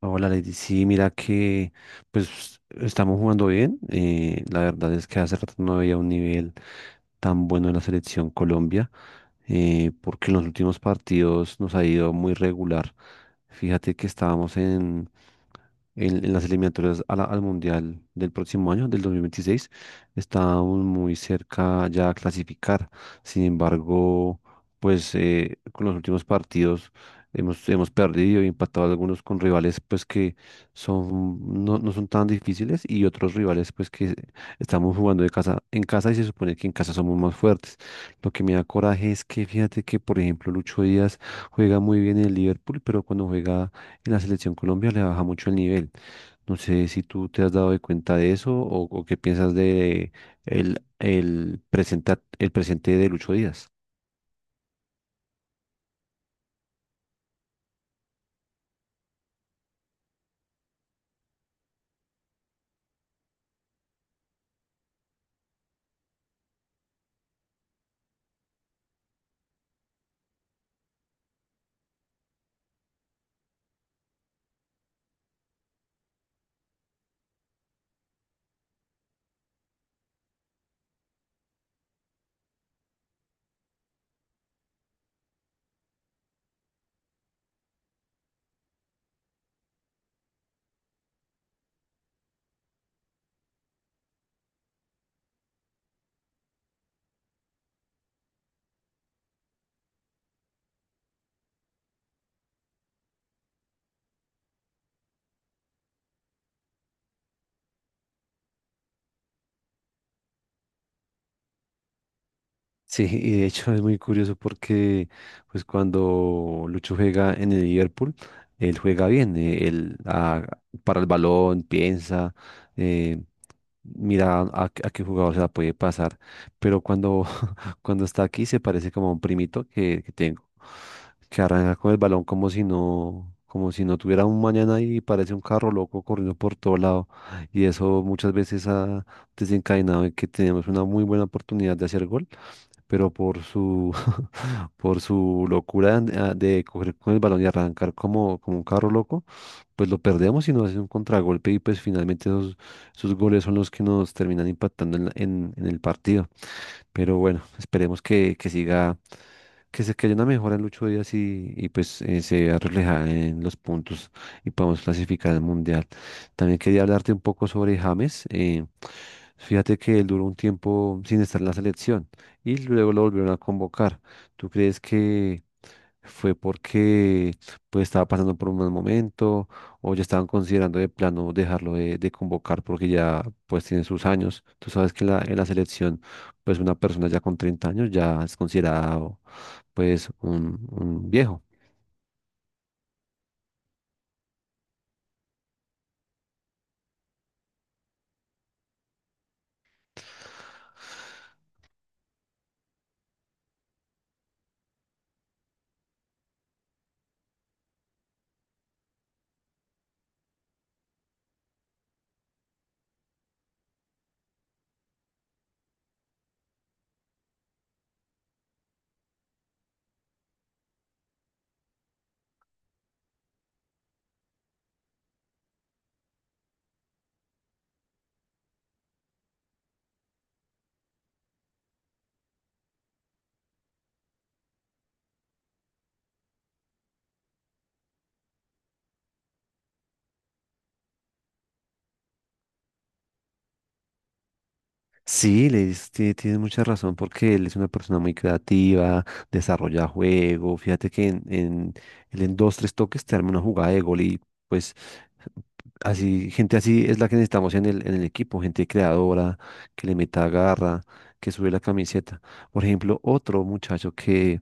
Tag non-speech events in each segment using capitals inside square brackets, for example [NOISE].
Hola Lady, sí, mira que pues estamos jugando bien. La verdad es que hace rato no había un nivel tan bueno en la selección Colombia, porque en los últimos partidos nos ha ido muy regular. Fíjate que estábamos en las eliminatorias al Mundial del próximo año, del 2026. Estábamos muy cerca ya a clasificar. Sin embargo, pues con los últimos partidos hemos perdido y empatado algunos con rivales pues que son, no, no son tan difíciles, y otros rivales pues que estamos jugando de casa en casa y se supone que en casa somos más fuertes. Lo que me da coraje es que, fíjate que, por ejemplo, Lucho Díaz juega muy bien en el Liverpool, pero cuando juega en la selección Colombia le baja mucho el nivel. No sé si tú te has dado de cuenta de eso, o qué piensas de el presente de Lucho Díaz. Sí, y de hecho es muy curioso porque pues cuando Lucho juega en el Liverpool, él juega bien, él para el balón, piensa, eh, mira a qué jugador se la puede pasar, pero cuando está aquí se parece como a un primito que tengo, que arranca con el balón como si no tuviera un mañana, y parece un carro loco corriendo por todo lado. Y eso muchas veces ha desencadenado en que tenemos una muy buena oportunidad de hacer gol, pero por su, [LAUGHS] por su locura de, de coger con el balón y arrancar como, como un carro loco, pues lo perdemos y nos hace un contragolpe, y pues finalmente esos, esos goles son los que nos terminan impactando en en el partido. Pero bueno, esperemos que siga, que haya una mejora en Lucho Díaz, y pues se vea reflejada en los puntos y podamos clasificar al Mundial. También quería hablarte un poco sobre James. Fíjate que él duró un tiempo sin estar en la selección y luego lo volvieron a convocar. ¿Tú crees que fue porque pues estaba pasando por un mal momento, o ya estaban considerando de plano dejarlo de convocar porque ya pues tiene sus años? Tú sabes que en la selección pues una persona ya con 30 años ya es considerado pues un viejo. Sí, le dices, tienes mucha razón porque él es una persona muy creativa, desarrolla juego, fíjate que en, él en dos, tres toques te arma una jugada de gol, y pues así, gente así es la que necesitamos en el equipo, gente creadora, que le meta garra, que sube la camiseta. Por ejemplo, otro muchacho que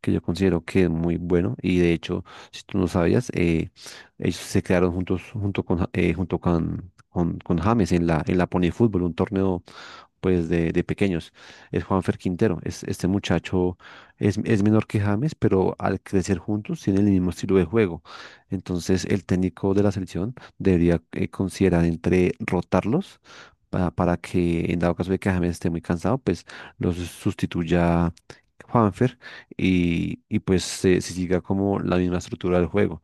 que yo considero que es muy bueno. Y de hecho, si tú no sabías, ellos se quedaron juntos junto con, junto con James en la Pone Fútbol, un torneo pues de pequeños, es Juanfer Quintero. Es, este muchacho es menor que James, pero al crecer juntos tienen el mismo estilo de juego. Entonces el técnico de la selección debería considerar entre rotarlos, para que en dado caso de que James esté muy cansado, pues los sustituya Juanfer, y pues se siga como la misma estructura del juego.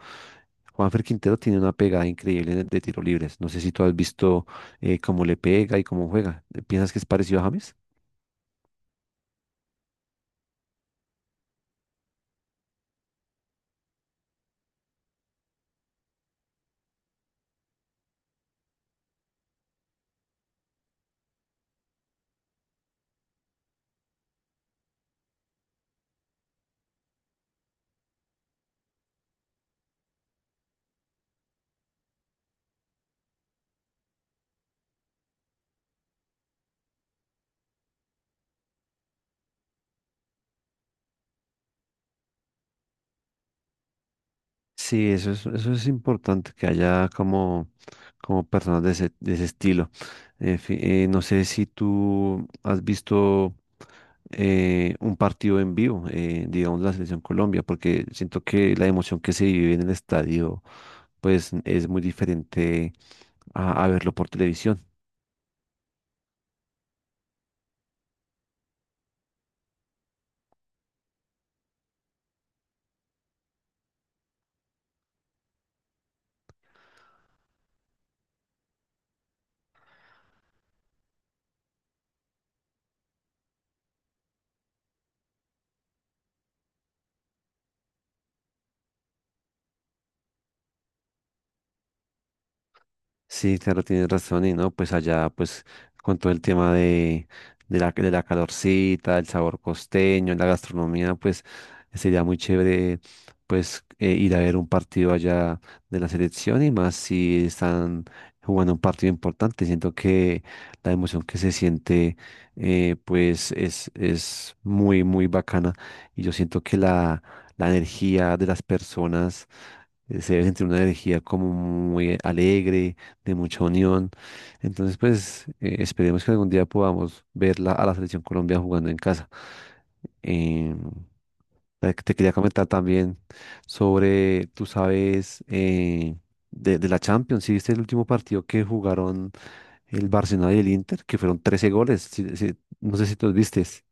Juanfer Quintero tiene una pegada increíble de tiro libres. No sé si tú has visto cómo le pega y cómo juega. ¿Piensas que es parecido a James? Sí, eso es importante, que haya como, como personas de ese estilo. No sé si tú has visto un partido en vivo, digamos la Selección Colombia, porque siento que la emoción que se vive en el estadio, pues es muy diferente a verlo por televisión. Sí, claro, tienes razón, y no, pues allá, pues, con todo el tema de la calorcita, el sabor costeño, la gastronomía, pues, sería muy chévere, pues, ir a ver un partido allá de la selección, y más si están jugando un partido importante. Siento que la emoción que se siente, pues, es muy, muy bacana, y yo siento que la energía de las personas se debe sentir una energía como muy alegre, de mucha unión. Entonces, pues esperemos que algún día podamos verla a la selección Colombia jugando en casa. Eh, te quería comentar también sobre, tú sabes, de la Champions, si viste el último partido que jugaron el Barcelona y el Inter, que fueron 13 goles. No sé si tú los vistes.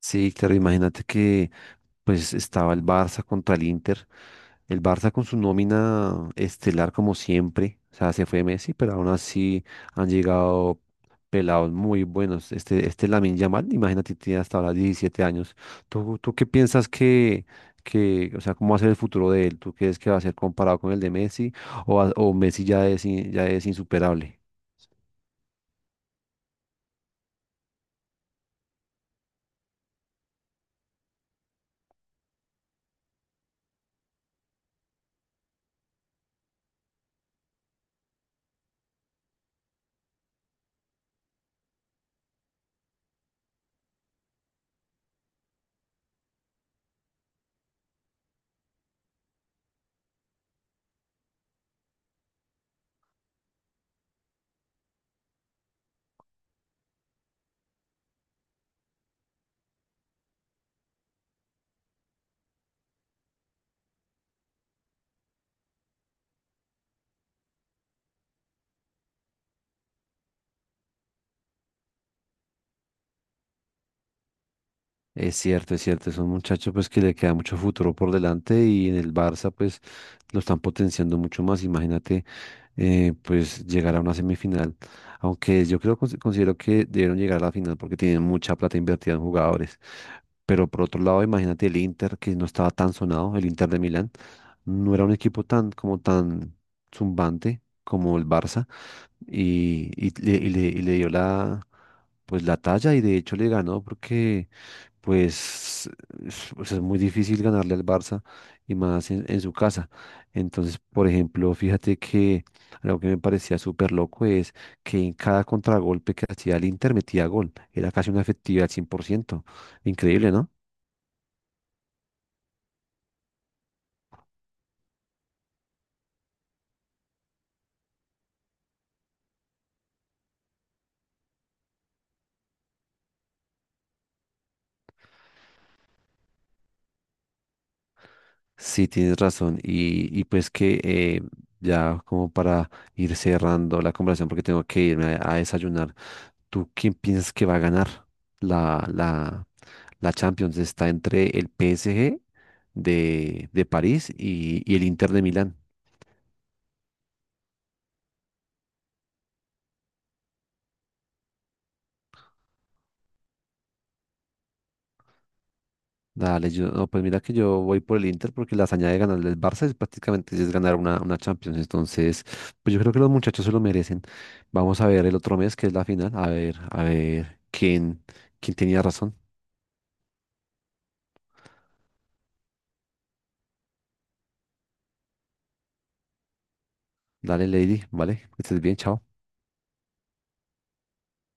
Sí, claro, imagínate que pues estaba el Barça contra el Inter. El Barça con su nómina estelar como siempre, o sea, se fue Messi, pero aún así han llegado pelados muy buenos. Este Lamine Yamal, imagínate, tiene hasta ahora 17 años. ¿Tú, tú qué piensas que, o sea, cómo va a ser el futuro de él? ¿Tú crees que va a ser comparado con el de Messi, o Messi ya es, ya es insuperable? Es cierto, es cierto, es un muchacho pues que le queda mucho futuro por delante, y en el Barça pues lo están potenciando mucho más. Imagínate, pues llegar a una semifinal, aunque yo creo considero que debieron llegar a la final porque tienen mucha plata invertida en jugadores. Pero por otro lado, imagínate el Inter, que no estaba tan sonado, el Inter de Milán no era un equipo tan como tan zumbante como el Barça, y le, y le dio la pues la talla, y de hecho le ganó, porque pues, pues es muy difícil ganarle al Barça, y más en su casa. Entonces, por ejemplo, fíjate que algo que me parecía súper loco es que en cada contragolpe que hacía el Inter metía gol. Era casi una efectividad al 100%. Increíble, ¿no? Sí, tienes razón. Y pues que ya como para ir cerrando la conversación, porque tengo que irme a desayunar, ¿tú quién piensas que va a ganar la, la, la Champions? Está entre el PSG de París, y el Inter de Milán. Dale, yo, no, pues mira que yo voy por el Inter porque la hazaña de ganarle al Barça es prácticamente es ganar una Champions. Entonces, pues yo creo que los muchachos se lo merecen. Vamos a ver el otro mes que es la final. A ver quién, quién tenía razón. Dale, Lady, ¿vale? Que estés bien, chao.